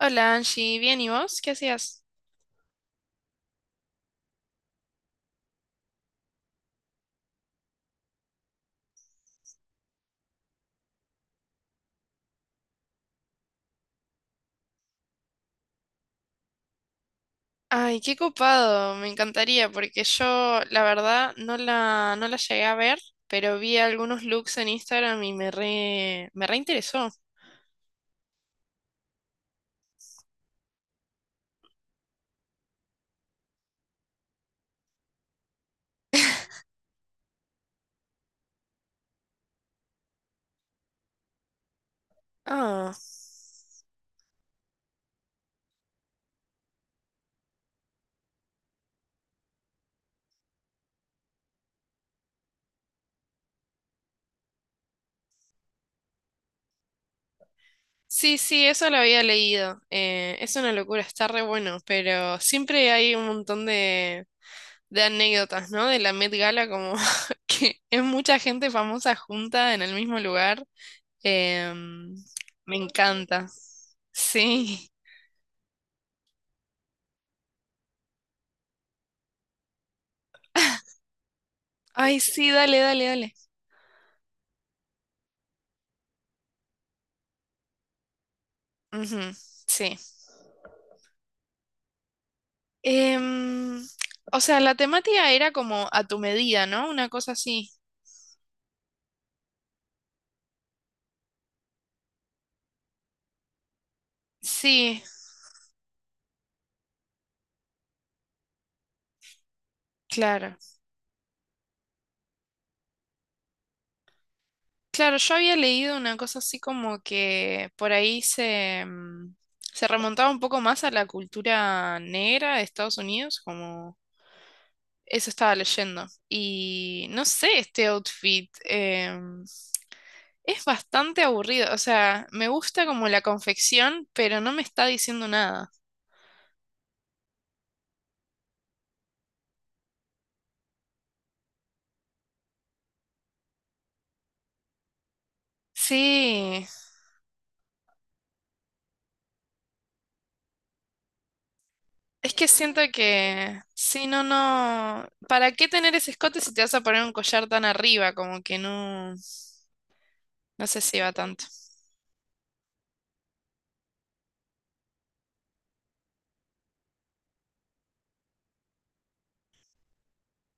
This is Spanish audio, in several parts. Hola Angie, bien, ¿y vos? ¿Qué hacías? Ay, qué copado, me encantaría porque yo la verdad no la llegué a ver, pero vi algunos looks en Instagram y me reinteresó. Ah, sí, sí, eso lo había leído. Es una locura, está re bueno, pero siempre hay un montón de anécdotas, ¿no? De la Met Gala, como que es mucha gente famosa junta en el mismo lugar. Em, me encanta. Sí. Ay, sí, dale, dale, dale. Ujú, sí. Em, o sea, la temática era como a tu medida, ¿no? Una cosa así. Sí, claro. Claro, yo había leído una cosa así como que por ahí se remontaba un poco más a la cultura negra de Estados Unidos, como eso estaba leyendo. Y no sé, este outfit es bastante aburrido. O sea, me gusta como la confección, pero no me está diciendo nada. Sí, es que siento que, sí, no, no, ¿para qué tener ese escote si te vas a poner un collar tan arriba? Como que no, no sé si va tanto.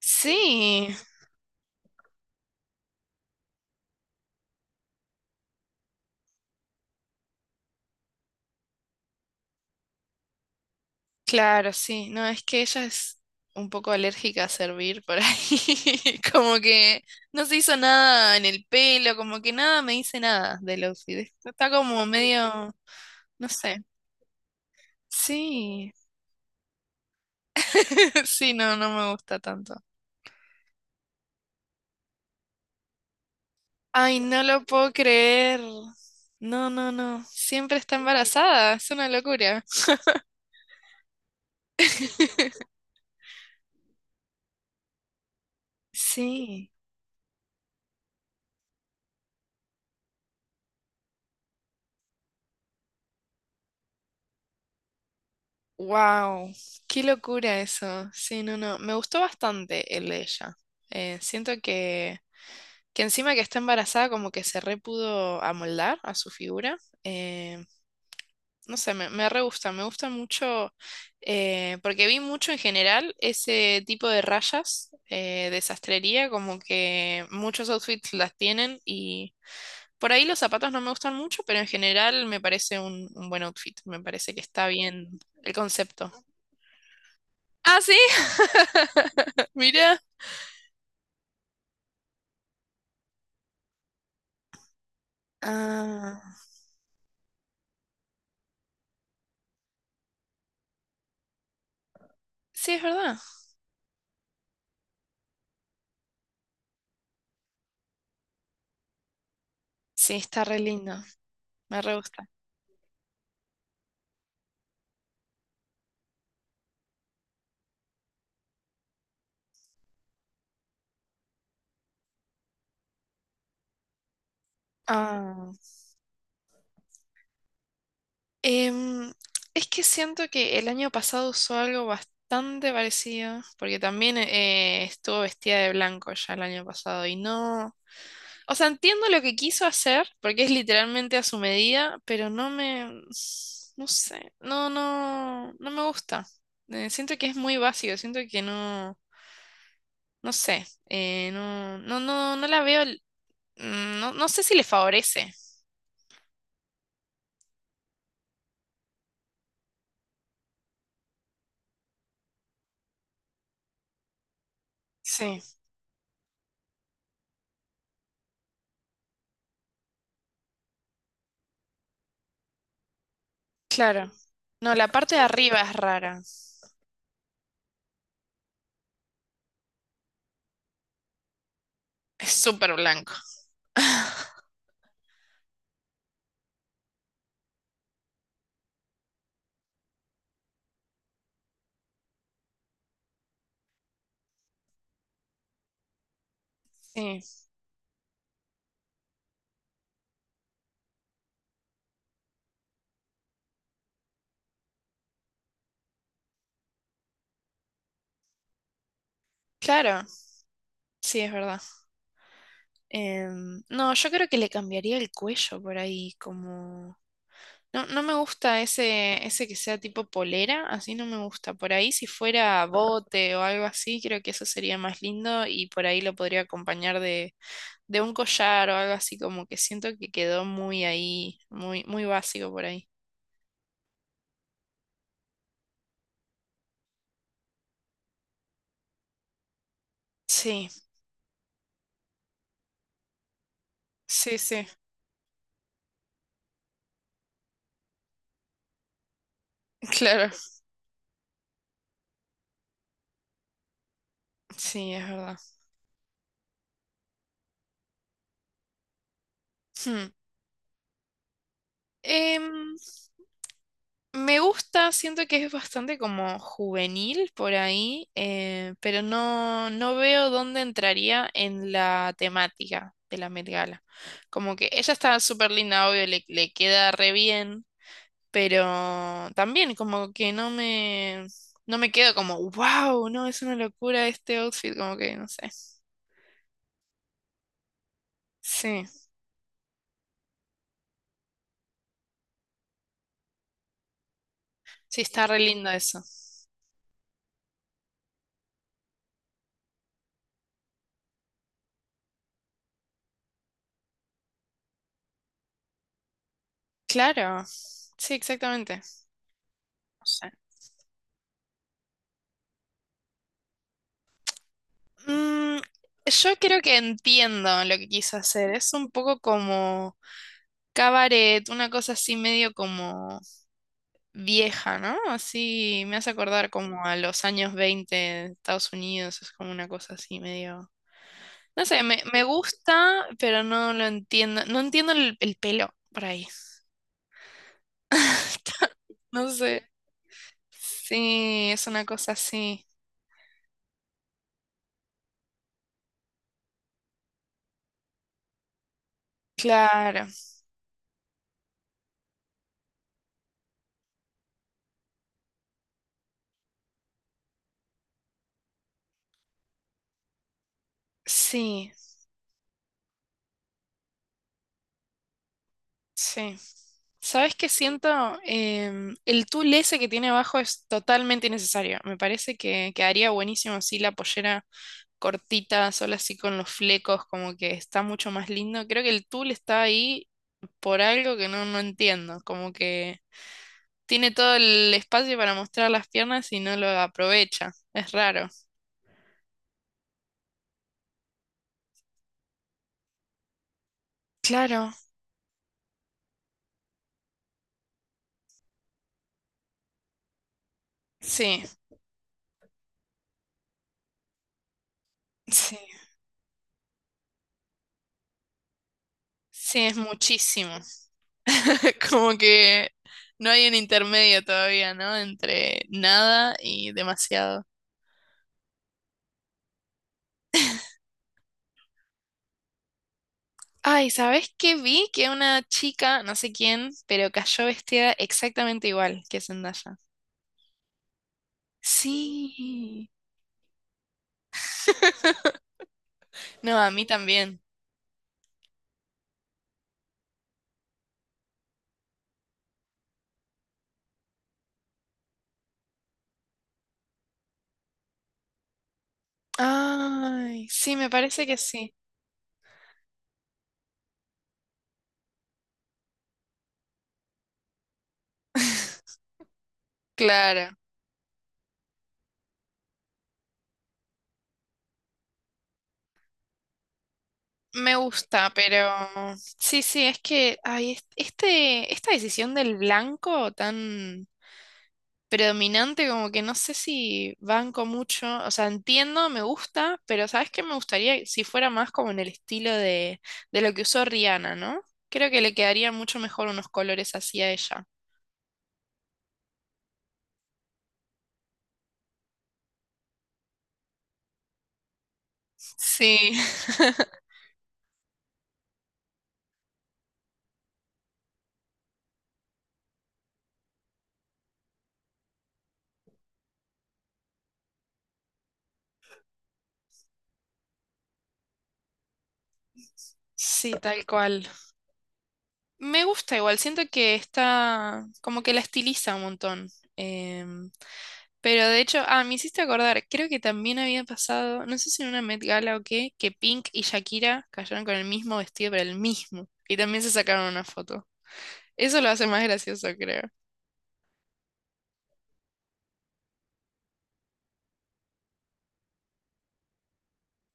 Sí, claro, sí, no, es que ella es un poco alérgica a servir por ahí, como que no se hizo nada en el pelo, como que nada me dice nada del outfit, está como medio, no sé, sí, sí, no, no me gusta tanto. Ay, no lo puedo creer. No, no, no. Siempre está embarazada. Es una locura. Sí. Wow. Qué locura eso. Sí, no, no. Me gustó bastante el de ella. Siento que encima que está embarazada, como que se re pudo amoldar a su figura. Eh, no sé, me re gusta. Me gusta mucho. Eh, porque vi mucho en general ese tipo de rayas de sastrería. Como que muchos outfits las tienen y. Por ahí los zapatos no me gustan mucho, pero en general me parece un buen outfit. Me parece que está bien el concepto. Ah, sí, mira. Ah, sí, es verdad. Sí, está re lindo. Me re gusta. Ah, em, es que siento que el año pasado usó algo bastante parecido, porque también estuvo vestida de blanco ya el año pasado y no. O sea, entiendo lo que quiso hacer, porque es literalmente a su medida, pero no sé, no, no, no me gusta. Siento que es muy básico, siento que no, no sé, no, no, no, no la veo, no, no sé si le favorece. Sí, claro. No, la parte de arriba es rara, es súper blanco. Sí, claro, sí, es verdad. Em, no, yo creo que le cambiaría el cuello por ahí, como... No, no me gusta ese que sea tipo polera, así no me gusta. Por ahí si fuera bote o algo así, creo que eso sería más lindo y por ahí lo podría acompañar de un collar o algo así, como que siento que quedó muy ahí, muy, muy básico por ahí. Sí, sí, sí, claro, sí, es verdad. Hmm. Em, me gusta, siento que es bastante como juvenil por ahí, pero no, no veo dónde entraría en la temática de la Met Gala. Como que ella está súper linda, obvio, le queda re bien, pero también como que no me quedo como, wow, no, es una locura este outfit, como que no sé. Sí, sí, está re lindo eso. Claro, sí, exactamente. Mm, yo creo que entiendo lo que quiso hacer. Es un poco como cabaret, una cosa así medio como vieja, ¿no? Así me hace acordar como a los años 20 de Estados Unidos. Es como una cosa así medio... No sé, me gusta, pero no lo entiendo. No entiendo el pelo por ahí. No sé. Sí, es una cosa así. Claro, sí. Sí. ¿Sabes qué siento? Em, el tul ese que tiene abajo es totalmente innecesario. Me parece que quedaría buenísimo así la pollera cortita, sola así con los flecos, como que está mucho más lindo. Creo que el tul está ahí por algo que no entiendo, como que tiene todo el espacio para mostrar las piernas y no lo aprovecha. Es raro. Claro, sí, sí, sí, es muchísimo. Como que no hay un intermedio todavía, ¿no? Entre nada y demasiado. Ay, ¿sabés qué vi? Que una chica, no sé quién, pero cayó vestida exactamente igual que Zendaya. Sí. No, a mí también. Ay, sí, me parece que sí. Claro, me gusta, pero sí, sí, es que ay, esta decisión del blanco tan predominante, como que no sé si banco mucho, o sea, entiendo, me gusta, pero ¿sabes qué? Me gustaría si fuera más como en el estilo de lo que usó Rihanna, ¿no? Creo que le quedaría mucho mejor unos colores así a ella. Sí, sí, tal cual. Me gusta igual, siento que está como que la estiliza un montón. Em, pero de hecho, ah, me hiciste acordar, creo que también había pasado, no sé si en una Met Gala o qué, que Pink y Shakira cayeron con el mismo vestido, pero el mismo. Y también se sacaron una foto. Eso lo hace más gracioso, creo.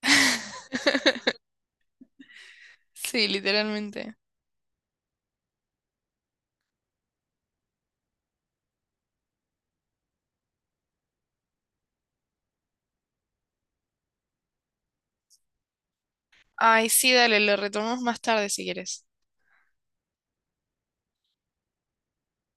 Sí, literalmente. Ay, sí, dale, lo retomamos más tarde si quieres.